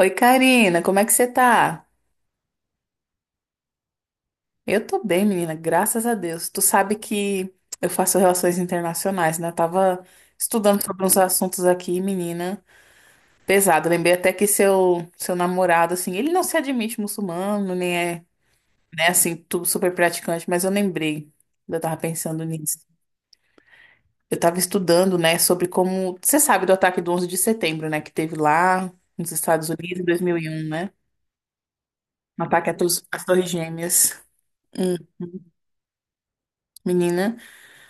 Oi, Karina, como é que você tá? Eu tô bem, menina, graças a Deus. Tu sabe que eu faço relações internacionais, né? Eu tava estudando sobre uns assuntos aqui, menina, pesado. Lembrei até que seu namorado, assim, ele não se admite muçulmano, nem é, né, assim, tudo super praticante, mas eu lembrei, eu tava pensando nisso. Eu tava estudando, né, sobre como. Você sabe do ataque do 11 de setembro, né, que teve lá nos Estados Unidos em 2001, né? Um ataque às Torres Gêmeas. Hum, menina.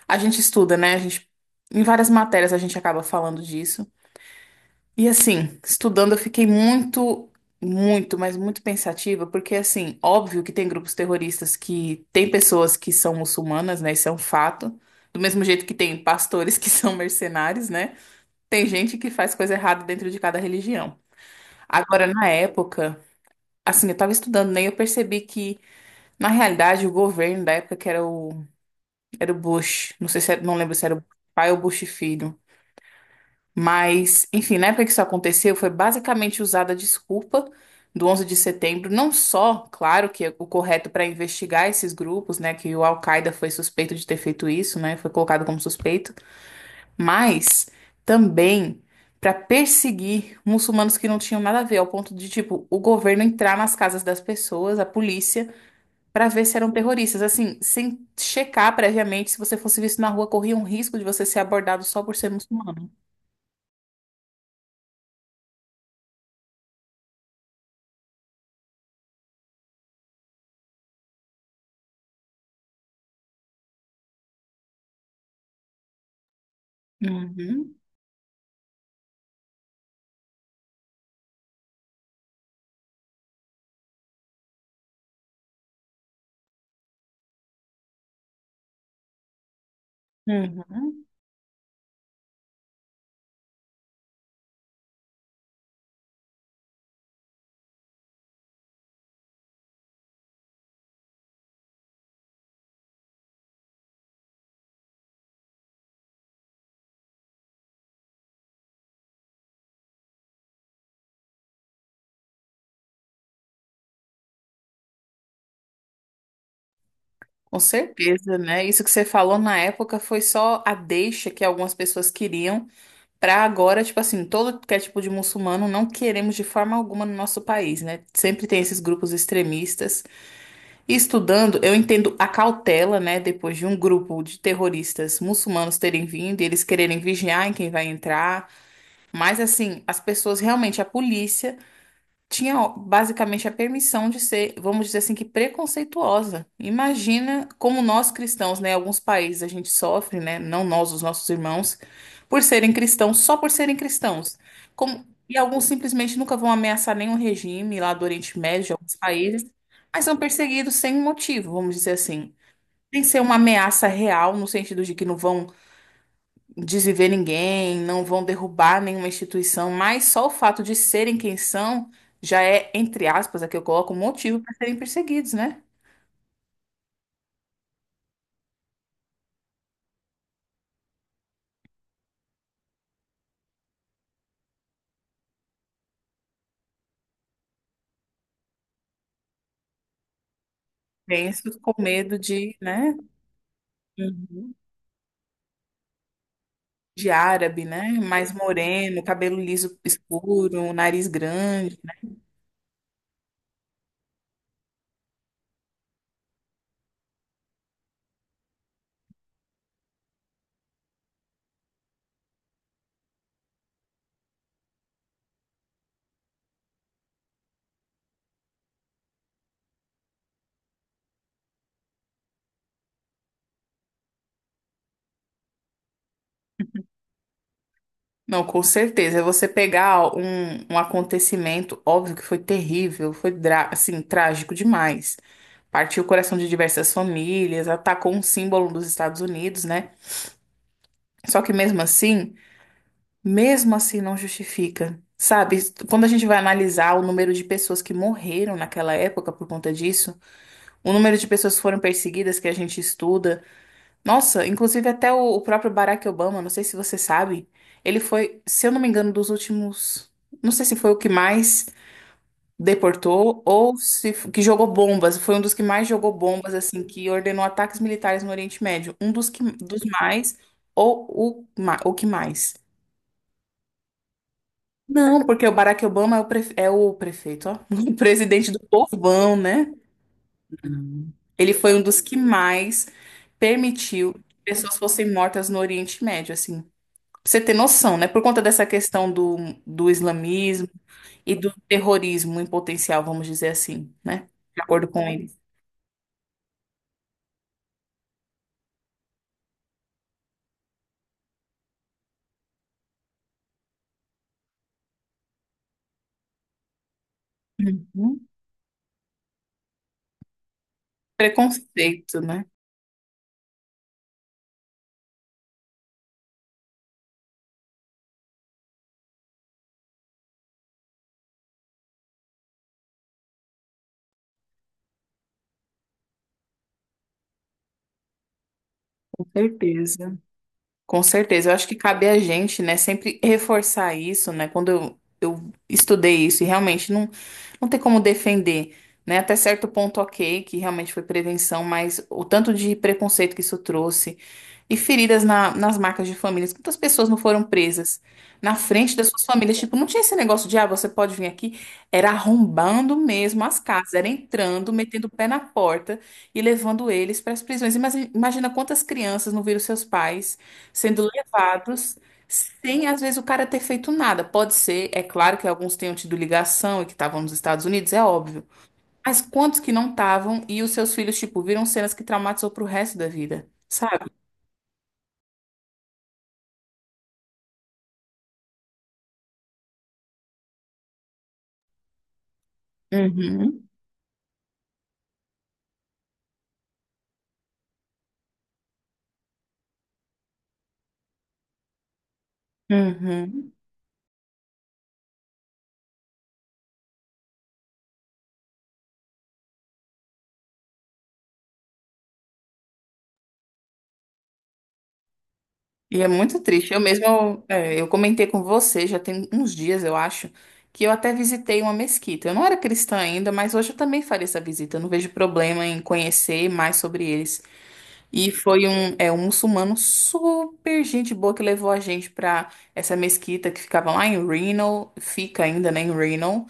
A gente estuda, né? A gente, em várias matérias a gente acaba falando disso. E assim, estudando eu fiquei muito, muito, mas muito pensativa, porque assim, óbvio que tem grupos terroristas que tem pessoas que são muçulmanas, né? Isso é um fato. Do mesmo jeito que tem pastores que são mercenários, né? Tem gente que faz coisa errada dentro de cada religião. Agora, na época, assim, eu tava estudando, né? E eu percebi que, na realidade, o governo da época que era o Bush, não sei se era, não lembro se era o pai ou Bush filho. Mas, enfim, na época que isso aconteceu, foi basicamente usada a desculpa do 11 de setembro, não só, claro, que é o correto para investigar esses grupos, né, que o Al-Qaeda foi suspeito de ter feito isso, né, foi colocado como suspeito, mas também para perseguir muçulmanos que não tinham nada a ver, ao ponto de, tipo, o governo entrar nas casas das pessoas, a polícia, para ver se eram terroristas, assim, sem checar previamente, se você fosse visto na rua, corria um risco de você ser abordado só por ser muçulmano. Uhum. Uhum, com certeza, né? Isso que você falou na época foi só a deixa que algumas pessoas queriam para agora, tipo assim, todo que é tipo de muçulmano não queremos de forma alguma no nosso país, né? Sempre tem esses grupos extremistas. E estudando, eu entendo a cautela, né? Depois de um grupo de terroristas muçulmanos terem vindo e eles quererem vigiar em quem vai entrar. Mas assim, as pessoas realmente, a polícia tinha ó, basicamente a permissão de ser, vamos dizer assim, que preconceituosa. Imagina como nós cristãos, né, alguns países a gente sofre, né, não nós, os nossos irmãos, por serem cristãos, só por serem cristãos. Como, e alguns simplesmente nunca vão ameaçar nenhum regime lá do Oriente Médio, de alguns países, mas são perseguidos sem motivo, vamos dizer assim. Sem ser uma ameaça real, no sentido de que não vão desviver ninguém, não vão derrubar nenhuma instituição, mas só o fato de serem quem são já é, entre aspas, aqui eu coloco, um motivo para serem perseguidos, né? Penso com medo de, né? Uhum. De árabe, né? Mais moreno, cabelo liso escuro, nariz grande, né? Não, com certeza. É. Você pegar um acontecimento, óbvio que foi terrível, foi assim, trágico demais. Partiu o coração de diversas famílias, atacou um símbolo dos Estados Unidos, né? Só que mesmo assim não justifica. Sabe, quando a gente vai analisar o número de pessoas que morreram naquela época por conta disso, o número de pessoas que foram perseguidas que a gente estuda, nossa, inclusive até o próprio Barack Obama, não sei se você sabe, ele foi, se eu não me engano, dos últimos, não sei se foi o que mais deportou ou se que jogou bombas, foi um dos que mais jogou bombas, assim, que ordenou ataques militares no Oriente Médio, um dos que, dos mais ou o que mais. Não, porque o Barack Obama é é o prefeito, ó, o presidente do povão, né? Ele foi um dos que mais permitiu que pessoas fossem mortas no Oriente Médio, assim. Pra você ter noção, né? Por conta dessa questão do islamismo e do terrorismo em potencial, vamos dizer assim, né? De acordo com ele. Uhum. Preconceito, né? Com certeza. Com certeza, eu acho que cabe a gente, né, sempre reforçar isso, né? Quando eu estudei isso e realmente não, não tem como defender, né? Até certo ponto, ok, que realmente foi prevenção, mas o tanto de preconceito que isso trouxe e feridas nas marcas de famílias, quantas pessoas não foram presas na frente das suas famílias? Tipo, não tinha esse negócio de, ah, você pode vir aqui. Era arrombando mesmo as casas, era entrando, metendo o pé na porta e levando eles para as prisões. Imagina quantas crianças não viram seus pais sendo levados sem, às vezes, o cara ter feito nada. Pode ser, é claro que alguns tenham tido ligação e que estavam nos Estados Unidos, é óbvio. Mas quantos que não estavam e os seus filhos, tipo, viram cenas que traumatizou pro resto da vida, sabe? Uhum, uhum. E é muito triste. Eu mesmo, eu, é, eu comentei com você, já tem uns dias, eu acho, que eu até visitei uma mesquita. Eu não era cristã ainda, mas hoje eu também faria essa visita. Eu não vejo problema em conhecer mais sobre eles. E foi um muçulmano super gente boa que levou a gente pra essa mesquita que ficava lá em Reno, fica ainda, né, em Reno,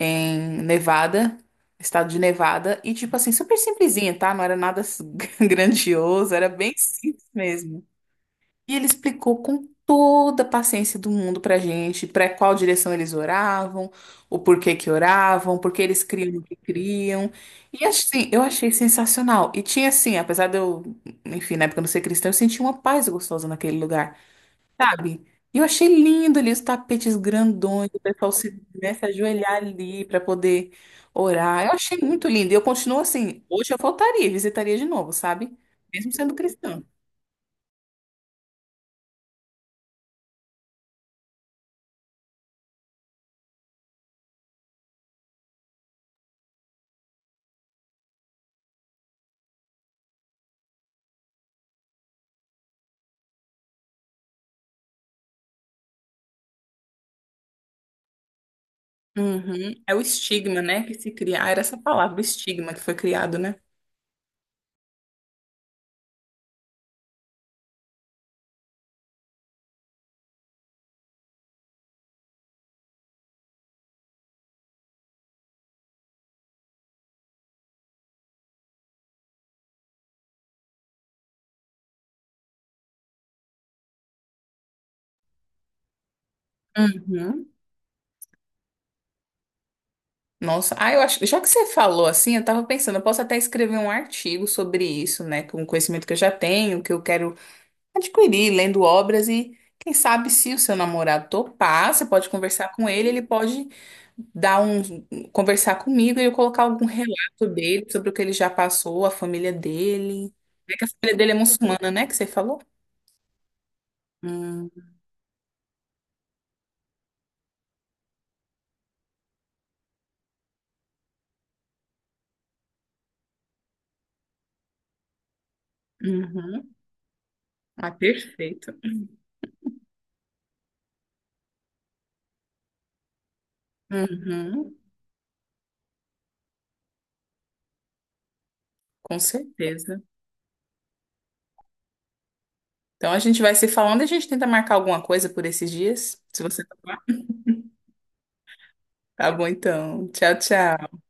em Nevada, estado de Nevada. E, tipo assim, super simplesinha, tá? Não era nada s- grandioso, era bem simples mesmo. E ele explicou com toda a paciência do mundo pra gente, para qual direção eles oravam, o porquê que oravam, por que eles criam o que criam. E assim, eu achei sensacional. E tinha assim, apesar de eu, enfim, na época eu não ser cristã, eu senti uma paz gostosa naquele lugar, sabe? E eu achei lindo ali os tapetes grandões, o pessoal se, né, se ajoelhar ali pra poder orar. Eu achei muito lindo. E eu continuo assim, hoje eu voltaria, e visitaria de novo, sabe? Mesmo sendo cristã. Uhum. É o estigma, né, que se cria. Ah, era essa palavra, o estigma que foi criado, né? Uhum. Nossa, ah, eu acho, já que você falou assim, eu tava pensando, eu posso até escrever um artigo sobre isso, né, com o conhecimento que eu já tenho, que eu quero adquirir, lendo obras e quem sabe se o seu namorado topar, você pode conversar com ele, ele pode dar um conversar comigo e eu colocar algum relato dele sobre o que ele já passou, a família dele. É que a família dele é muçulmana, né, que você falou? Hum, uhum. Ah, perfeito. Uhum, com certeza. Então a gente vai se falando e a gente tenta marcar alguma coisa por esses dias, se você topar. Tá bom, então. Tchau, tchau.